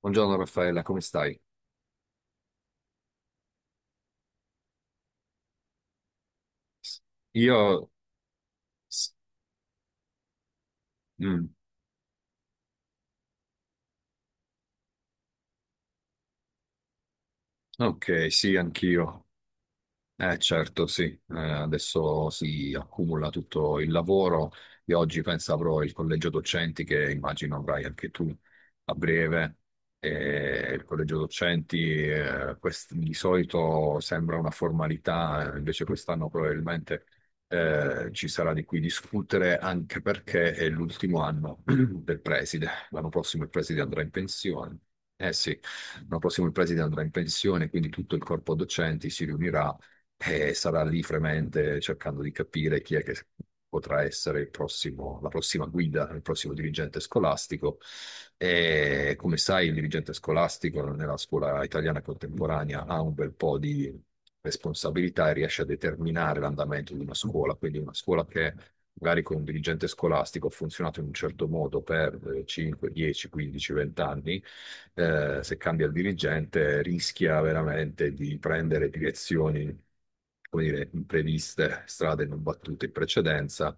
Buongiorno Raffaella, come stai? Io... s- mm, ok, sì, anch'io. Eh certo, sì. Adesso si accumula tutto il lavoro e oggi penso avrò il collegio docenti che immagino avrai anche tu a breve. E il collegio docenti, di solito sembra una formalità, invece quest'anno probabilmente ci sarà di cui discutere, anche perché è l'ultimo anno del preside. L'anno prossimo il preside andrà in pensione. Eh sì. L'anno prossimo il preside andrà in pensione, quindi tutto il corpo docenti si riunirà e sarà lì fremente cercando di capire chi è che potrà essere il prossimo, la prossima guida, il prossimo dirigente scolastico. E come sai, il dirigente scolastico nella scuola italiana contemporanea ha un bel po' di responsabilità e riesce a determinare l'andamento di una scuola, quindi una scuola che magari con un dirigente scolastico ha funzionato in un certo modo per 5, 10, 15, 20 anni, se cambia il dirigente, rischia veramente di prendere direzioni, come dire, impreviste, strade non battute in precedenza.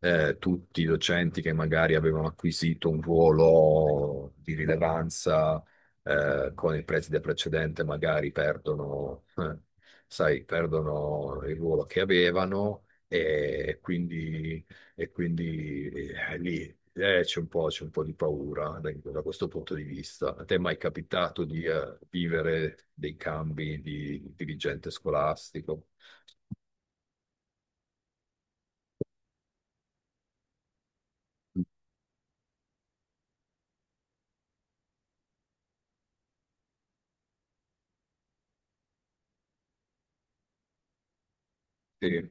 Tutti i docenti che magari avevano acquisito un ruolo di rilevanza con il preside precedente, magari perdono, sai, perdono il ruolo che avevano. E quindi, e quindi, lì, c'è un po' di paura da questo punto di vista. A te è mai capitato di vivere dei cambi di dirigente scolastico? Sì.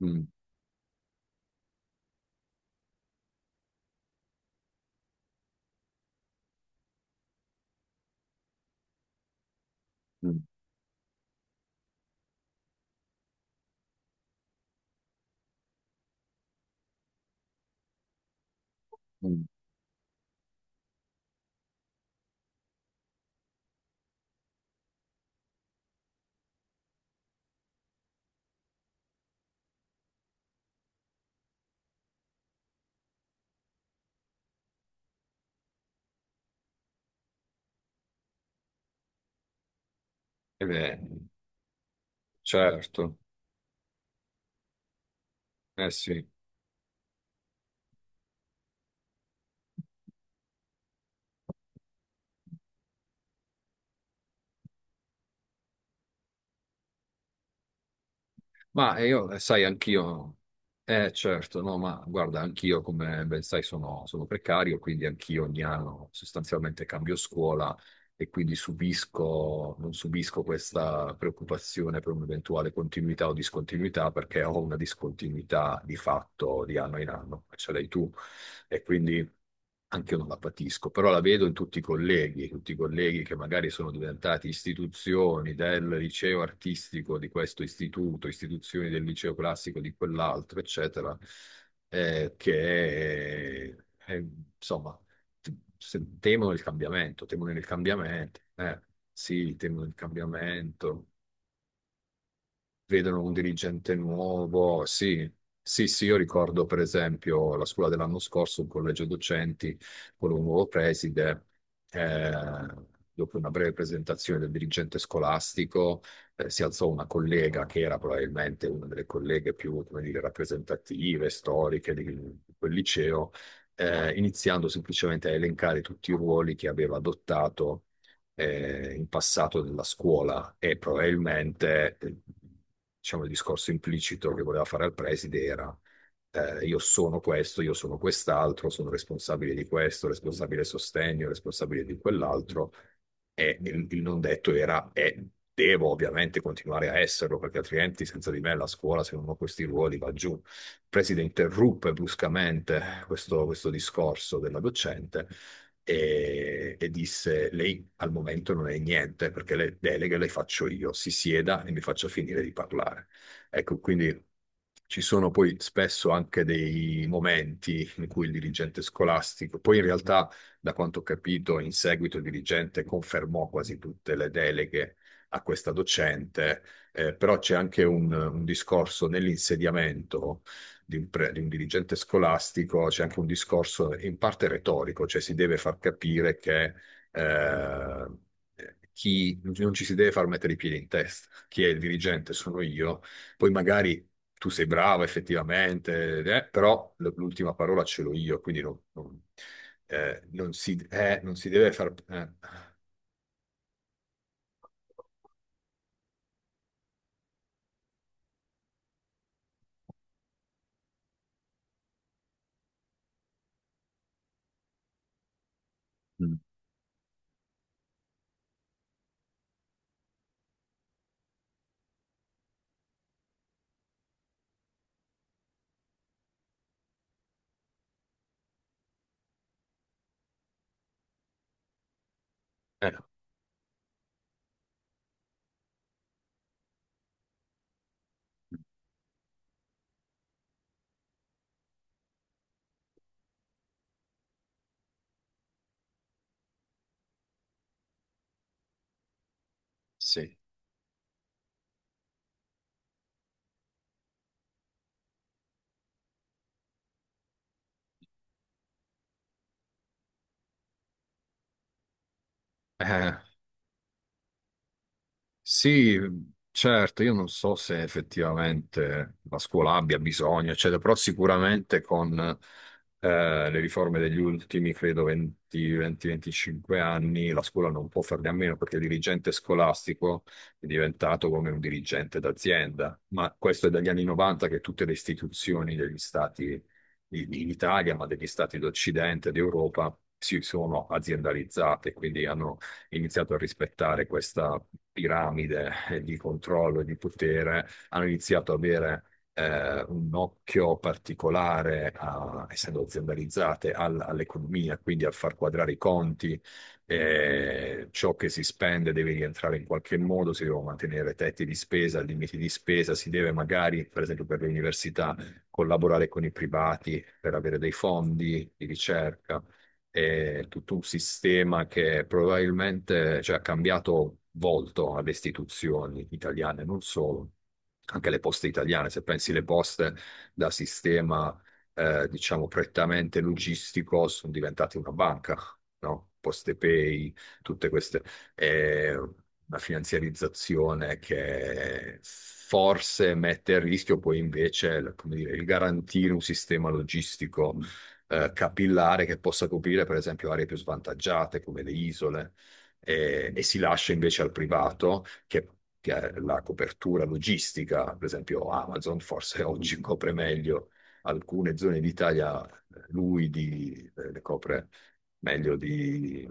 Mm, mm, mm. Eh beh, certo, eh sì. Ma io, sai, anch'io, eh certo, No, ma guarda, anch'io, come ben sai, sono precario, quindi anch'io ogni anno sostanzialmente cambio scuola e quindi non subisco questa preoccupazione per un'eventuale continuità o discontinuità, perché ho una discontinuità di fatto di anno in anno, come ce l'hai tu, e quindi anche io non la patisco, però la vedo in tutti i colleghi che magari sono diventati istituzioni del liceo artistico di questo istituto, istituzioni del liceo classico di quell'altro, eccetera, che eh, insomma, temono il cambiamento, temono il cambiamento. Sì, temono il cambiamento, vedono un dirigente nuovo. Sì, sì, sì, io ricordo per esempio la scuola dell'anno scorso, il collegio docenti, con un nuovo preside. Eh, dopo una breve presentazione del dirigente scolastico, si alzò una collega che era probabilmente una delle colleghe più, come dire, rappresentative, storiche di quel liceo, iniziando semplicemente a elencare tutti i ruoli che aveva adottato in passato della scuola, e probabilmente, diciamo, il discorso implicito che voleva fare al preside era, io sono questo, io sono quest'altro, sono responsabile di questo, responsabile sostegno, responsabile di quell'altro, e il non detto era: e devo ovviamente continuare a esserlo, perché altrimenti senza di me la scuola, se non ho questi ruoli, va giù. Il preside interruppe bruscamente questo discorso della docente e disse: Lei al momento non è niente perché le deleghe le faccio io, si sieda e mi faccia finire di parlare. Ecco, quindi ci sono poi spesso anche dei momenti in cui il dirigente scolastico, poi in realtà, da quanto ho capito, in seguito il dirigente confermò quasi tutte le deleghe a questa docente, però c'è anche un discorso nell'insediamento di di un dirigente scolastico, c'è anche un discorso in parte retorico, cioè si deve far capire che eh, chi non ci si deve far mettere i piedi in testa, chi è il dirigente sono io, poi magari tu sei bravo effettivamente, però l'ultima parola ce l'ho io, quindi non si deve far... eh. Mm. Eh, sì. Eh, sì, certo, io non so se effettivamente la scuola abbia bisogno, eccetera, però sicuramente con le riforme degli ultimi, credo, 20, 20, 25 anni, la scuola non può farne a meno, perché il dirigente scolastico è diventato come un dirigente d'azienda, ma questo è dagli anni 90 che tutte le istituzioni degli stati in Italia, ma degli stati d'Occidente, d'Europa, si sono aziendalizzate, quindi hanno iniziato a rispettare questa piramide, di controllo e di potere, hanno iniziato ad avere un occhio particolare, essendo aziendalizzate, all'economia, quindi a far quadrare i conti, ciò che si spende deve rientrare in qualche modo, si devono mantenere tetti di spesa, limiti di spesa, si deve magari, per esempio per le università, collaborare con i privati per avere dei fondi di ricerca. È tutto un sistema che probabilmente, cioè, ha cambiato volto alle istituzioni italiane, non solo, anche le poste italiane. Se pensi le poste da sistema, diciamo, prettamente logistico, sono diventate una banca, no? PostePay, tutte queste. È una finanziarizzazione che forse mette a rischio poi invece, come dire, il garantire un sistema logistico, capillare, che possa coprire, per esempio, aree più svantaggiate come le isole, e si lascia invece al privato che ha la copertura logistica, per esempio Amazon forse oggi copre meglio alcune zone d'Italia, le copre meglio di-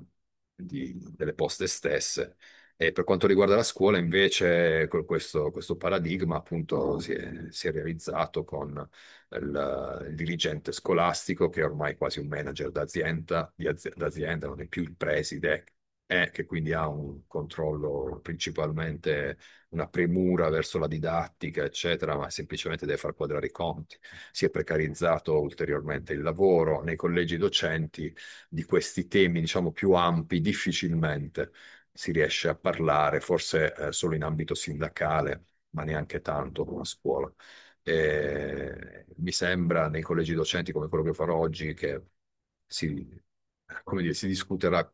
delle poste stesse. E per quanto riguarda la scuola, invece, con questo paradigma appunto si è realizzato con il dirigente scolastico, che è ormai quasi un manager d'azienda, d'azienda, non è più il preside, e che quindi ha un controllo principalmente, una premura verso la didattica, eccetera, ma semplicemente deve far quadrare i conti. Si è precarizzato ulteriormente il lavoro nei collegi docenti. Di questi temi, diciamo, più ampi, difficilmente si riesce a parlare, forse solo in ambito sindacale, ma neanche tanto con la scuola. Mi sembra nei collegi docenti come quello che farò oggi che si, come dire, si discuterà,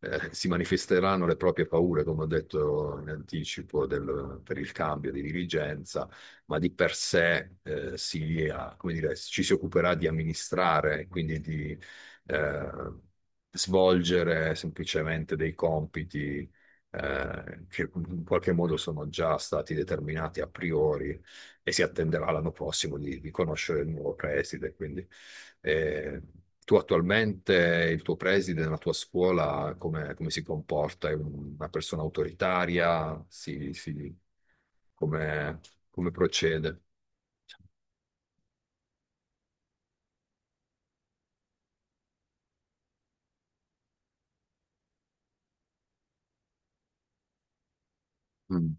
si manifesteranno le proprie paure, come ho detto in anticipo, per il cambio di dirigenza, ma di per sé, si, ah, come dire, ci si occuperà di amministrare, quindi di, eh, svolgere semplicemente dei compiti che in qualche modo sono già stati determinati a priori, e si attenderà l'anno prossimo di conoscere il nuovo preside. Quindi, eh, tu attualmente, il tuo preside nella tua scuola, come, come si comporta? È una persona autoritaria? Come, come procede? Mm.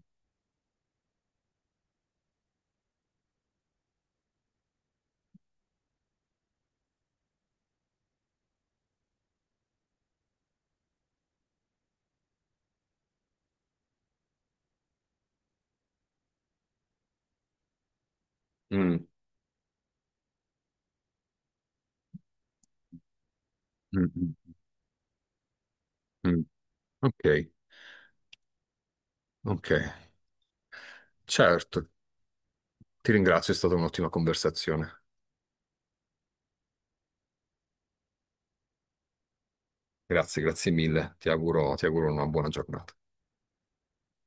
Mm, mm, mm, mm. Ok, ok, certo. Ti ringrazio, è stata un'ottima conversazione. Grazie, grazie mille. Ti auguro una buona giornata.